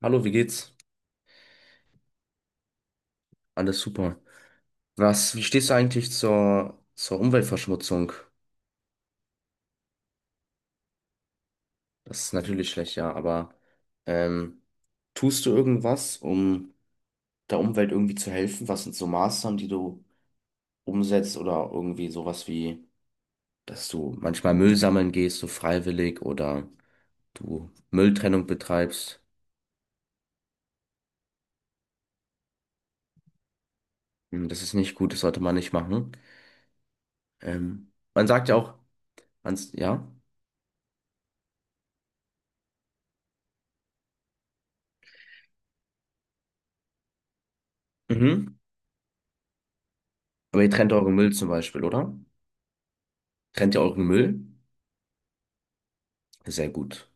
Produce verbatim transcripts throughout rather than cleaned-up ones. Hallo, wie geht's? Alles super. Was, wie stehst du eigentlich zur, zur Umweltverschmutzung? Das ist natürlich schlecht, ja, aber ähm, tust du irgendwas, um der Umwelt irgendwie zu helfen? Was sind so Maßnahmen, die du umsetzt oder irgendwie sowas wie, dass du manchmal Müll sammeln gehst, so freiwillig oder du Mülltrennung betreibst? Hm. Das ist nicht gut, das sollte man nicht machen. Ähm, man sagt ja auch, ans- ja, mhm. Aber ihr trennt euren Müll zum Beispiel, oder? Trennt ihr euren Müll? Sehr gut.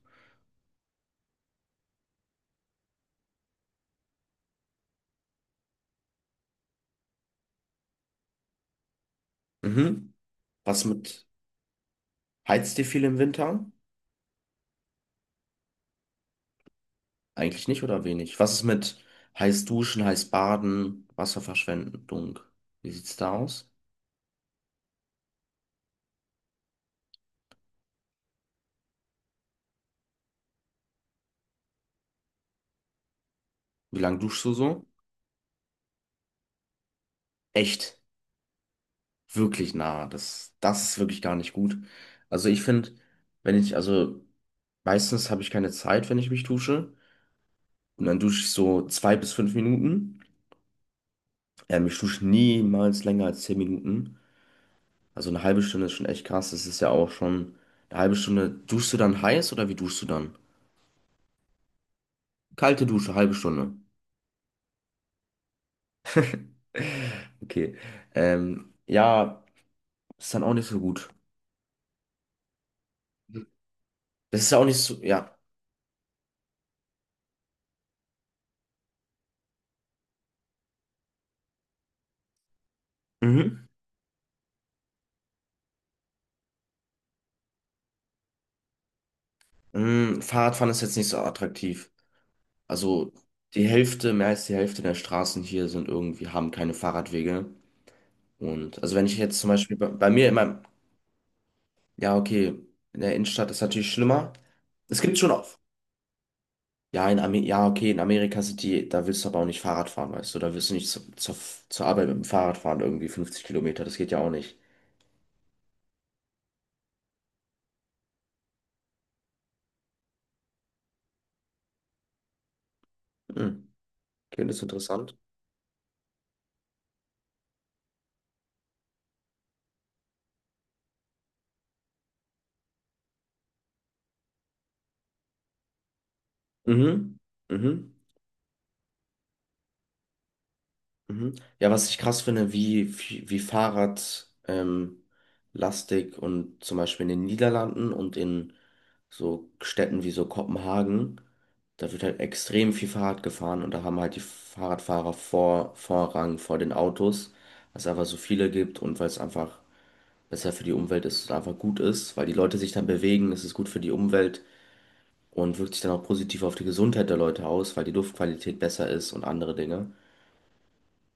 Mhm. Was mit, Heizt ihr viel im Winter? Eigentlich nicht oder wenig? Was ist mit heiß duschen, heiß baden, Wasserverschwendung? Wie sieht's da aus? Wie lange duschst du so? Echt, wirklich nah. Das, das ist wirklich gar nicht gut. Also ich finde, wenn ich, also meistens habe ich keine Zeit, wenn ich mich dusche. Und dann dusche ich so zwei bis fünf Minuten. Ähm, ich dusche niemals länger als zehn Minuten. Also eine halbe Stunde ist schon echt krass. Das ist ja auch schon eine halbe Stunde. Duschst du dann heiß oder wie duschst du dann? Kalte Dusche, halbe Stunde. Okay. Ähm, ja, ist dann auch nicht so gut. Das ist ja auch nicht so, ja. Mhm. Mm, Fahrradfahren ist jetzt nicht so attraktiv. Also die Hälfte, mehr als die Hälfte der Straßen hier sind irgendwie, haben keine Fahrradwege. Und also wenn ich jetzt zum Beispiel bei, bei mir in meinem, ja, okay, in der Innenstadt ist natürlich schlimmer. Es gibt schon auch, ja, in Amer ja, okay, in Amerika sind die, da willst du aber auch nicht Fahrrad fahren, weißt du, da willst du nicht zu, zur, zur Arbeit mit dem Fahrrad fahren, irgendwie fünfzig Kilometer, das geht ja auch nicht. Hm. Okay, das ist interessant. Mhm, mhm, mhm. Ja, was ich krass finde, wie, wie, wie Fahrrad, ähm, lastig und zum Beispiel in den Niederlanden und in so Städten wie so Kopenhagen, da wird halt extrem viel Fahrrad gefahren und da haben halt die Fahrradfahrer vor, Vorrang vor den Autos, weil es einfach so viele gibt und weil es einfach besser für die Umwelt ist und einfach gut ist, weil die Leute sich dann bewegen, es ist gut für die Umwelt und wirkt sich dann auch positiv auf die Gesundheit der Leute aus, weil die Luftqualität besser ist und andere Dinge.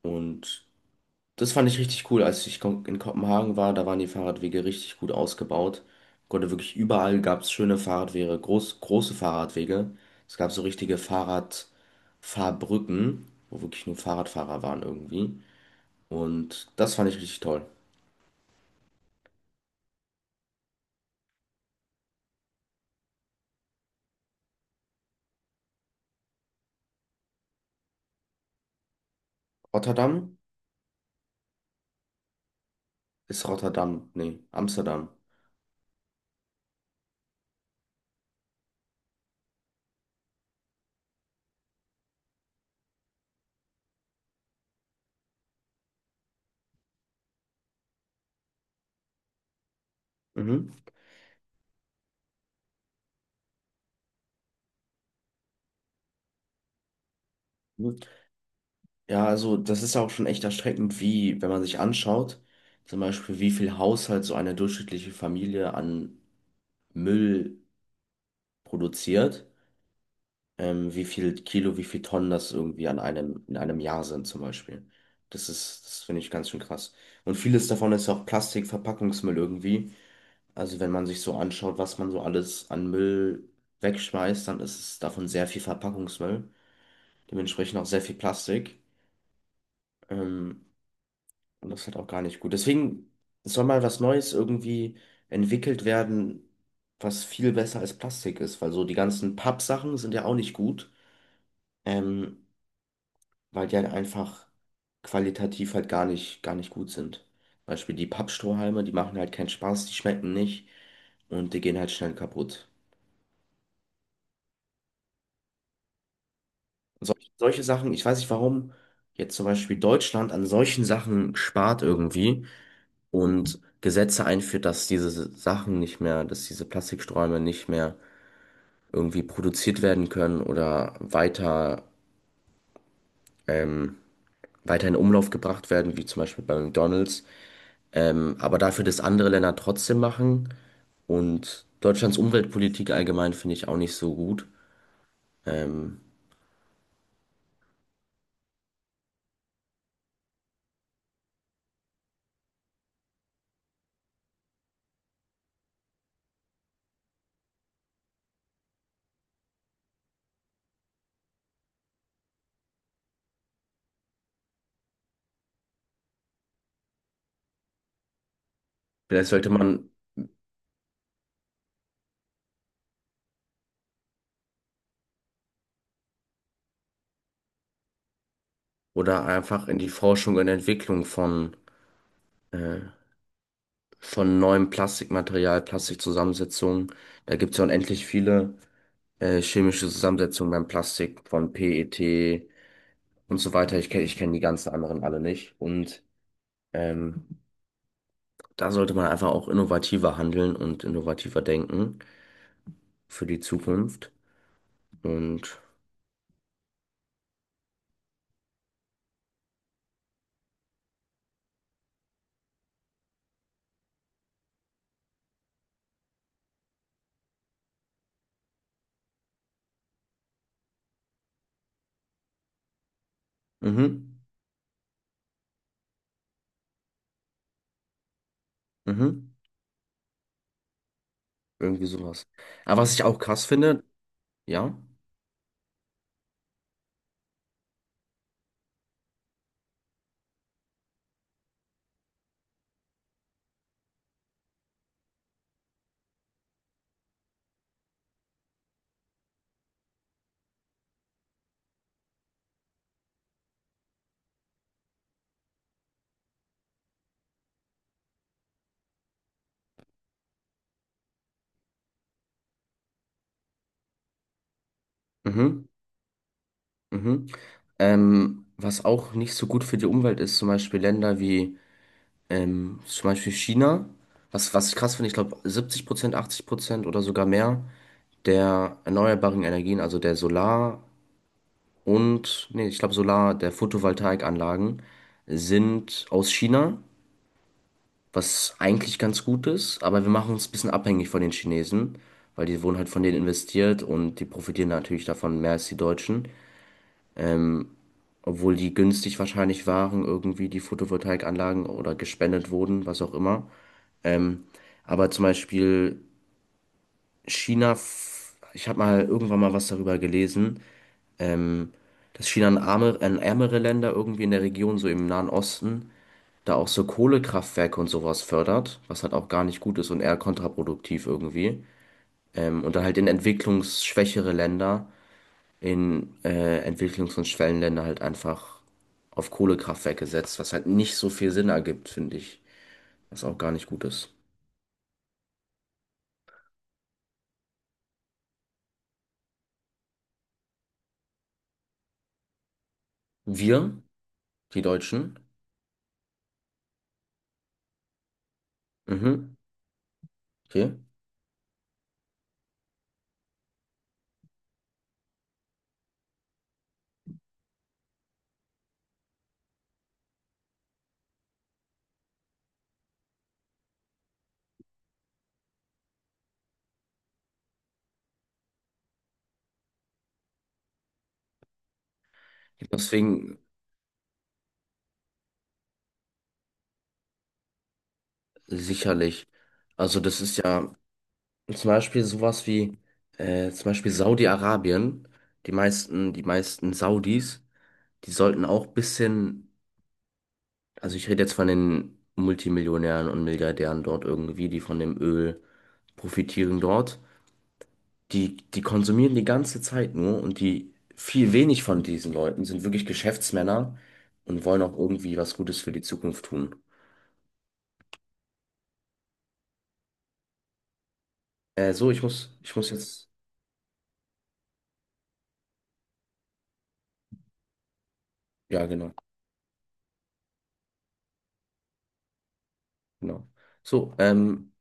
Und das fand ich richtig cool. Als ich kon- in Kopenhagen war, da waren die Fahrradwege richtig gut ausgebaut. Konnte wirklich überall gab es schöne Fahrradwege, groß, große Fahrradwege. Es gab so richtige Fahrradfahrbrücken, wo wirklich nur Fahrradfahrer waren irgendwie. Und das fand ich richtig toll. Rotterdam ist Rotterdam, nee, Amsterdam. Mhm. Ja, also das ist ja auch schon echt erschreckend, wie, wenn man sich anschaut, zum Beispiel, wie viel Haushalt so eine durchschnittliche Familie an Müll produziert, ähm, wie viel Kilo, wie viel Tonnen das irgendwie an einem, in einem Jahr sind zum Beispiel. Das ist, das finde ich ganz schön krass. Und vieles davon ist ja auch Plastik, Verpackungsmüll irgendwie. Also wenn man sich so anschaut, was man so alles an Müll wegschmeißt, dann ist es davon sehr viel Verpackungsmüll, dementsprechend auch sehr viel Plastik. Ähm, Und das ist halt auch gar nicht gut. Deswegen soll mal was Neues irgendwie entwickelt werden, was viel besser als Plastik ist, weil so die ganzen Pappsachen sind ja auch nicht gut, ähm, weil die halt einfach qualitativ halt gar nicht, gar nicht gut sind. Zum Beispiel die Pappstrohhalme, die machen halt keinen Spaß, die schmecken nicht und die gehen halt schnell kaputt. Sol solche Sachen, ich weiß nicht, warum jetzt zum Beispiel Deutschland an solchen Sachen spart irgendwie und Gesetze einführt, dass diese Sachen nicht mehr, dass diese Plastiksträume nicht mehr irgendwie produziert werden können oder weiter, ähm, weiter in Umlauf gebracht werden, wie zum Beispiel bei McDonald's. Ähm, aber dafür, dass andere Länder trotzdem machen und Deutschlands Umweltpolitik allgemein finde ich auch nicht so gut. Ähm, vielleicht sollte man oder einfach in die Forschung und Entwicklung von, äh, von neuem Plastikmaterial, Plastikzusammensetzungen, da gibt es ja unendlich viele äh, chemische Zusammensetzung beim Plastik von P E T und so weiter. Ich kenne ich kenn die ganzen anderen alle nicht. Und ähm, da sollte man einfach auch innovativer handeln und innovativer denken für die Zukunft. Und mhm, mhm, irgendwie sowas. Aber was ich auch krass finde, ja, mhm, mhm. Ähm, was auch nicht so gut für die Umwelt ist, zum Beispiel Länder wie ähm, zum Beispiel China. Was, was ich krass finde, ich glaube siebzig Prozent, achtzig Prozent oder sogar mehr der erneuerbaren Energien, also der Solar- und, nee, ich glaube Solar, der Photovoltaikanlagen sind aus China, was eigentlich ganz gut ist, aber wir machen uns ein bisschen abhängig von den Chinesen, weil die wurden halt von denen investiert und die profitieren natürlich davon mehr als die Deutschen, obwohl die günstig wahrscheinlich waren, irgendwie die Photovoltaikanlagen oder gespendet wurden, was auch immer. Ähm, Aber zum Beispiel China, f- ich habe mal irgendwann mal was darüber gelesen, dass China an arme, an ärmere Länder irgendwie in der Region, so im Nahen Osten, da auch so Kohlekraftwerke und sowas fördert, was halt auch gar nicht gut ist und eher kontraproduktiv irgendwie. Ähm, und dann halt in entwicklungsschwächere Länder, in äh, Entwicklungs- und Schwellenländer halt einfach auf Kohlekraftwerke setzt, was halt nicht so viel Sinn ergibt, finde ich, was auch gar nicht gut ist. Wir, die Deutschen, mhm, okay, deswegen sicherlich. Also das ist ja zum Beispiel sowas wie äh, zum Beispiel Saudi-Arabien. Die meisten, die meisten Saudis, die sollten auch ein bisschen, also ich rede jetzt von den Multimillionären und Milliardären dort irgendwie, die von dem Öl profitieren dort. Die, die konsumieren die ganze Zeit nur und die viel wenig von diesen Leuten sind wirklich Geschäftsmänner und wollen auch irgendwie was Gutes für die Zukunft tun. Äh, so, ich muss, ich muss jetzt, ja, genau, genau. So, ähm,